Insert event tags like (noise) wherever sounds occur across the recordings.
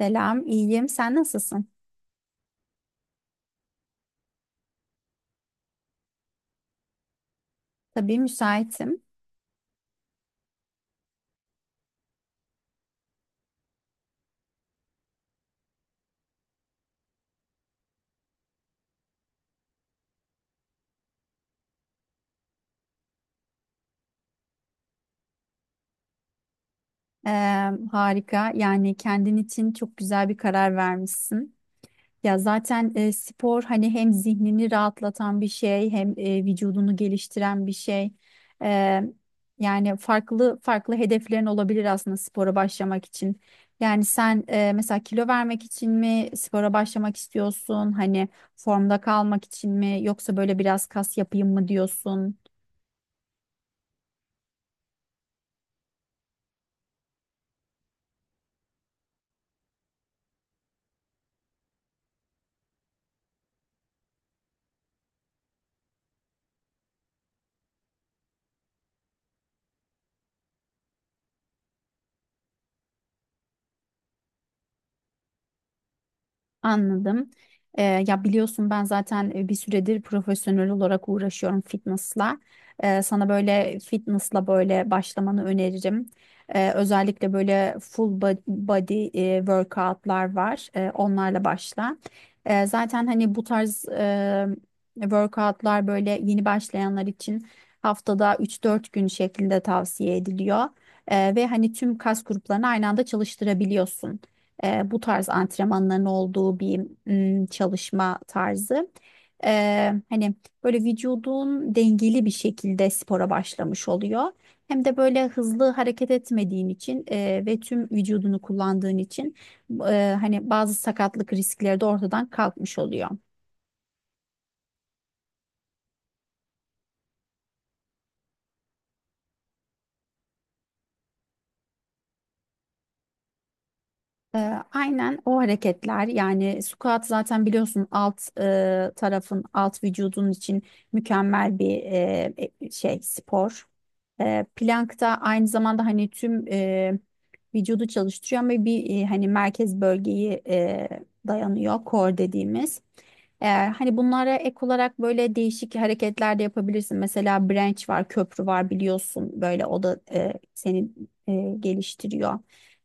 Selam, iyiyim. Sen nasılsın? Tabii müsaitim. Ee, Harika. Yani kendin için çok güzel bir karar vermişsin. Ya zaten spor hani hem zihnini rahatlatan bir şey, hem vücudunu geliştiren bir şey. Ee, Yani farklı farklı hedeflerin olabilir aslında spora başlamak için. Yani sen mesela kilo vermek için mi spora başlamak istiyorsun? Hani formda kalmak için mi? Yoksa böyle biraz kas yapayım mı diyorsun? Anladım. Ya biliyorsun ben zaten bir süredir profesyonel olarak uğraşıyorum fitnessla. Sana böyle fitnessla böyle başlamanı öneririm. Özellikle böyle body workoutlar var. Onlarla başla. Zaten hani bu tarz workoutlar böyle yeni başlayanlar için haftada üç dört gün şeklinde tavsiye ediliyor. Ve hani tüm kas gruplarını aynı anda çalıştırabiliyorsun, bu tarz antrenmanların olduğu bir çalışma tarzı. E, Hani böyle vücudun dengeli bir şekilde spora başlamış oluyor. Hem de böyle hızlı hareket etmediğin için ve tüm vücudunu kullandığın için hani bazı sakatlık riskleri de ortadan kalkmış oluyor. Ee, aynen o hareketler yani squat zaten biliyorsun alt tarafın alt vücudun için mükemmel bir şey spor. Plank da aynı zamanda hani tüm vücudu çalıştırıyor ama bir hani merkez bölgeyi dayanıyor core dediğimiz. Hani bunlara ek olarak böyle değişik hareketler de yapabilirsin. Mesela branch var, köprü var biliyorsun böyle o da seni e, geliştiriyor.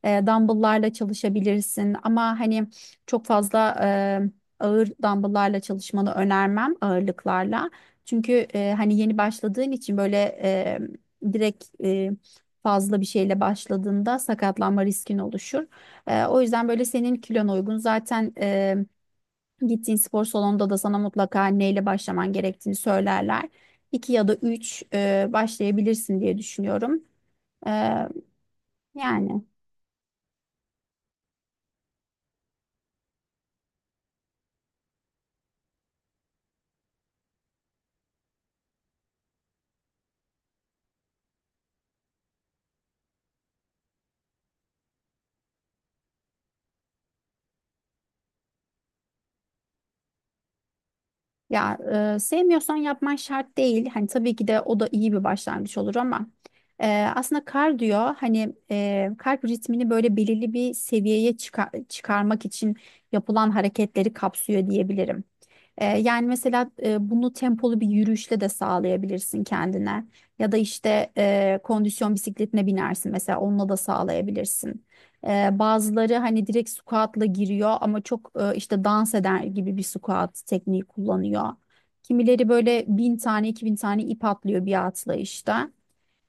Dumbbell'larla çalışabilirsin ama hani çok fazla ağır dumbbell'larla çalışmanı önermem ağırlıklarla. Çünkü hani yeni başladığın için böyle e, direkt e, fazla bir şeyle başladığında sakatlanma riskin oluşur. O yüzden böyle senin kilona uygun zaten, gittiğin spor salonunda da sana mutlaka neyle başlaman gerektiğini söylerler. İki ya da üç başlayabilirsin diye düşünüyorum. E, Yani. Ya sevmiyorsan yapman şart değil. Hani tabii ki de o da iyi bir başlangıç olur ama e, aslında kardiyo hani kalp ritmini böyle belirli bir seviyeye çıkarmak için yapılan hareketleri kapsıyor diyebilirim. Yani mesela bunu tempolu bir yürüyüşle de sağlayabilirsin kendine. Ya da işte kondisyon bisikletine binersin mesela onunla da sağlayabilirsin. Bazıları hani direkt squat'la giriyor ama çok işte dans eder gibi bir squat tekniği kullanıyor. Kimileri böyle bin tane iki bin tane ip atlıyor bir atlayışta.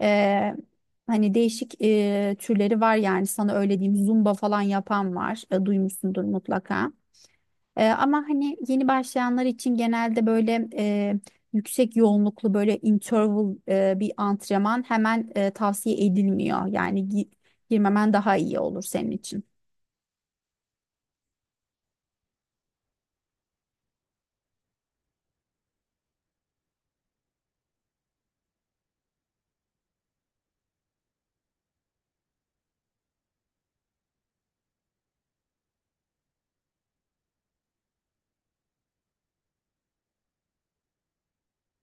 Ee, Hani değişik türleri var yani sana öyle diyeyim zumba falan yapan var. Duymuşsundur mutlaka. Ama hani yeni başlayanlar için genelde böyle yüksek yoğunluklu böyle interval bir antrenman hemen tavsiye edilmiyor. Yani girmemen daha iyi olur senin için.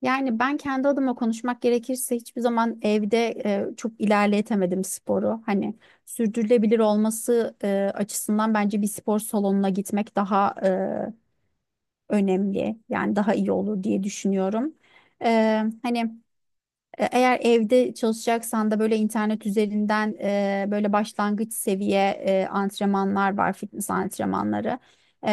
Yani ben kendi adıma konuşmak gerekirse hiçbir zaman evde çok ilerletemedim sporu. Hani sürdürülebilir olması açısından bence bir spor salonuna gitmek daha önemli. Yani daha iyi olur diye düşünüyorum. Ee, hani Eğer evde çalışacaksan da böyle internet üzerinden böyle başlangıç seviye antrenmanlar var, fitness antrenmanları. E,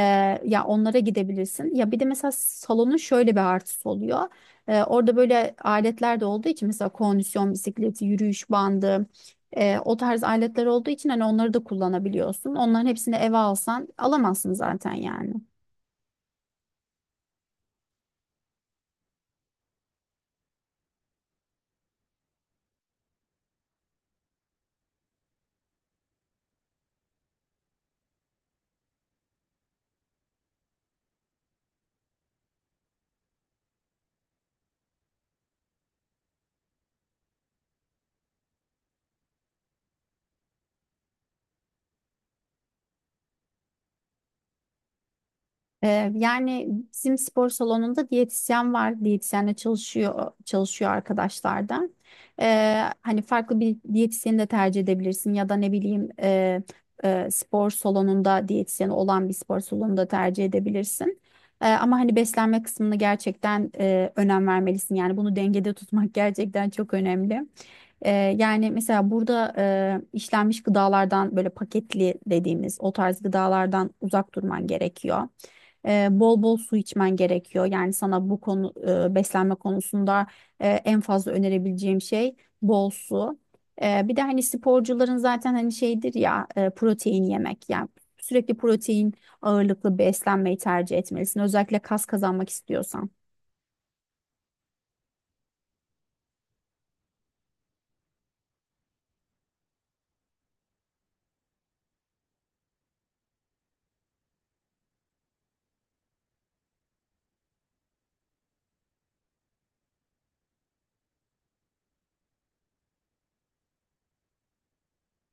Ya onlara gidebilirsin. Ya bir de mesela salonun şöyle bir artısı oluyor. Orada böyle aletler de olduğu için mesela kondisyon bisikleti, yürüyüş bandı, o tarz aletler olduğu için hani onları da kullanabiliyorsun. Onların hepsini eve alsan alamazsın zaten yani. Yani bizim spor salonunda diyetisyen var. Diyetisyenle çalışıyor arkadaşlardan. Hani farklı bir diyetisyeni de tercih edebilirsin ya da ne bileyim spor salonunda diyetisyeni olan bir spor salonunda tercih edebilirsin. Ama hani beslenme kısmını gerçekten önem vermelisin. Yani bunu dengede tutmak (laughs) gerçekten çok önemli. Ee, Yani mesela burada işlenmiş gıdalardan böyle paketli dediğimiz o tarz gıdalardan uzak durman gerekiyor, bol bol su içmen gerekiyor. Yani sana bu konu, beslenme konusunda, en fazla önerebileceğim şey bol su. Bir de hani sporcuların zaten hani şeydir ya, protein yemek. Yani sürekli protein ağırlıklı beslenmeyi tercih etmelisin. Özellikle kas kazanmak istiyorsan.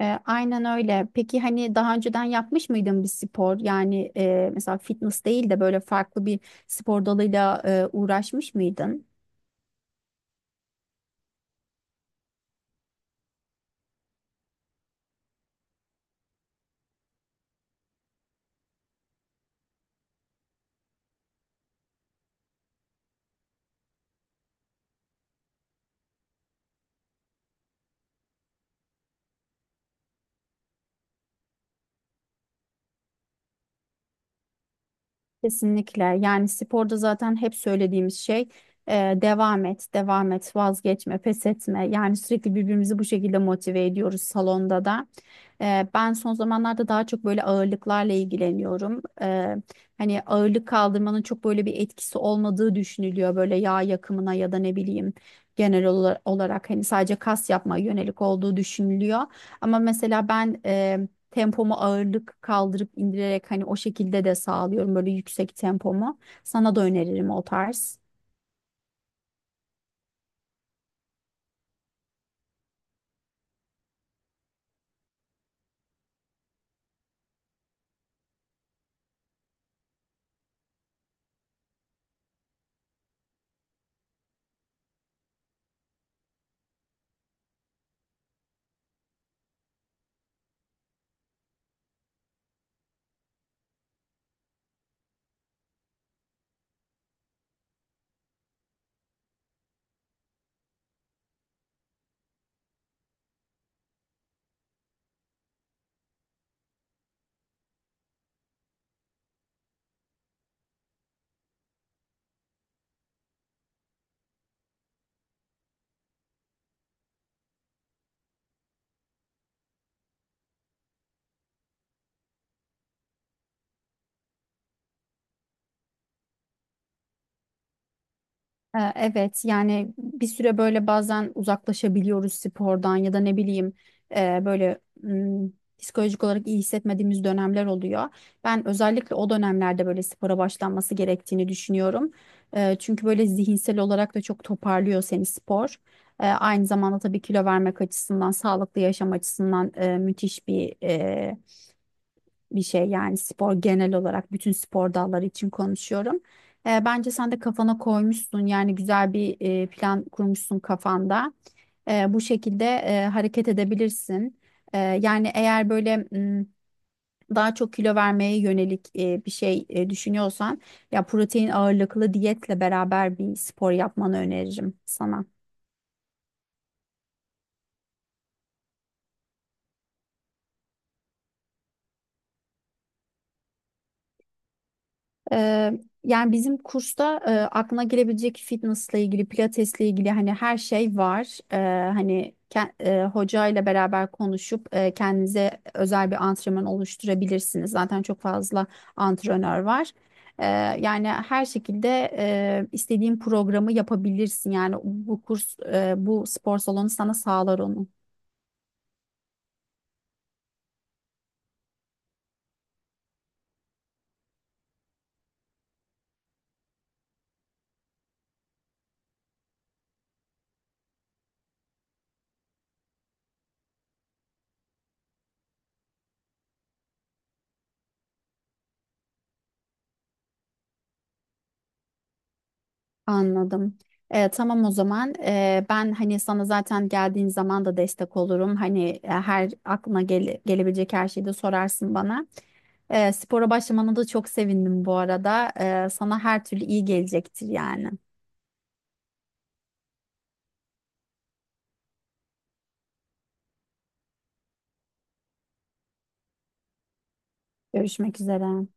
Aynen öyle. Peki hani daha önceden yapmış mıydın bir spor? Yani mesela fitness değil de böyle farklı bir spor dalıyla uğraşmış mıydın? Kesinlikle. Yani sporda zaten hep söylediğimiz şey e, devam et, devam et, vazgeçme, pes etme. Yani sürekli birbirimizi bu şekilde motive ediyoruz salonda da. Ben son zamanlarda daha çok böyle ağırlıklarla ilgileniyorum. Hani ağırlık kaldırmanın çok böyle bir etkisi olmadığı düşünülüyor. Böyle yağ yakımına ya da ne bileyim genel olarak hani sadece kas yapmaya yönelik olduğu düşünülüyor. Ama mesela ben tempomu ağırlık kaldırıp indirerek hani o şekilde de sağlıyorum böyle yüksek tempomu. Sana da öneririm o tarz. Evet yani bir süre böyle bazen uzaklaşabiliyoruz spordan ya da ne bileyim böyle psikolojik olarak iyi hissetmediğimiz dönemler oluyor. Ben özellikle o dönemlerde böyle spora başlanması gerektiğini düşünüyorum. Çünkü böyle zihinsel olarak da çok toparlıyor seni spor. Aynı zamanda tabii kilo vermek açısından, sağlıklı yaşam açısından müthiş bir şey yani spor genel olarak bütün spor dalları için konuşuyorum. Bence sen de kafana koymuşsun yani güzel bir plan kurmuşsun kafanda. Bu şekilde hareket edebilirsin. Yani eğer böyle daha çok kilo vermeye yönelik düşünüyorsan ya protein ağırlıklı diyetle beraber bir spor yapmanı öneririm sana. Ee, Yani bizim kursta aklına gelebilecek fitnessla ilgili, pilatesle ilgili hani her şey var. Hani hoca ile beraber konuşup kendinize özel bir antrenman oluşturabilirsiniz. Zaten çok fazla antrenör var. Ee, Yani her şekilde istediğin programı yapabilirsin. Yani bu kurs, bu spor salonu sana sağlar onu. Anladım. Tamam o zaman, ben hani sana zaten geldiğin zaman da destek olurum. Hani her aklına gelebilecek her şeyi de sorarsın bana. Spora başlamana da çok sevindim bu arada. Sana her türlü iyi gelecektir yani. Görüşmek üzere.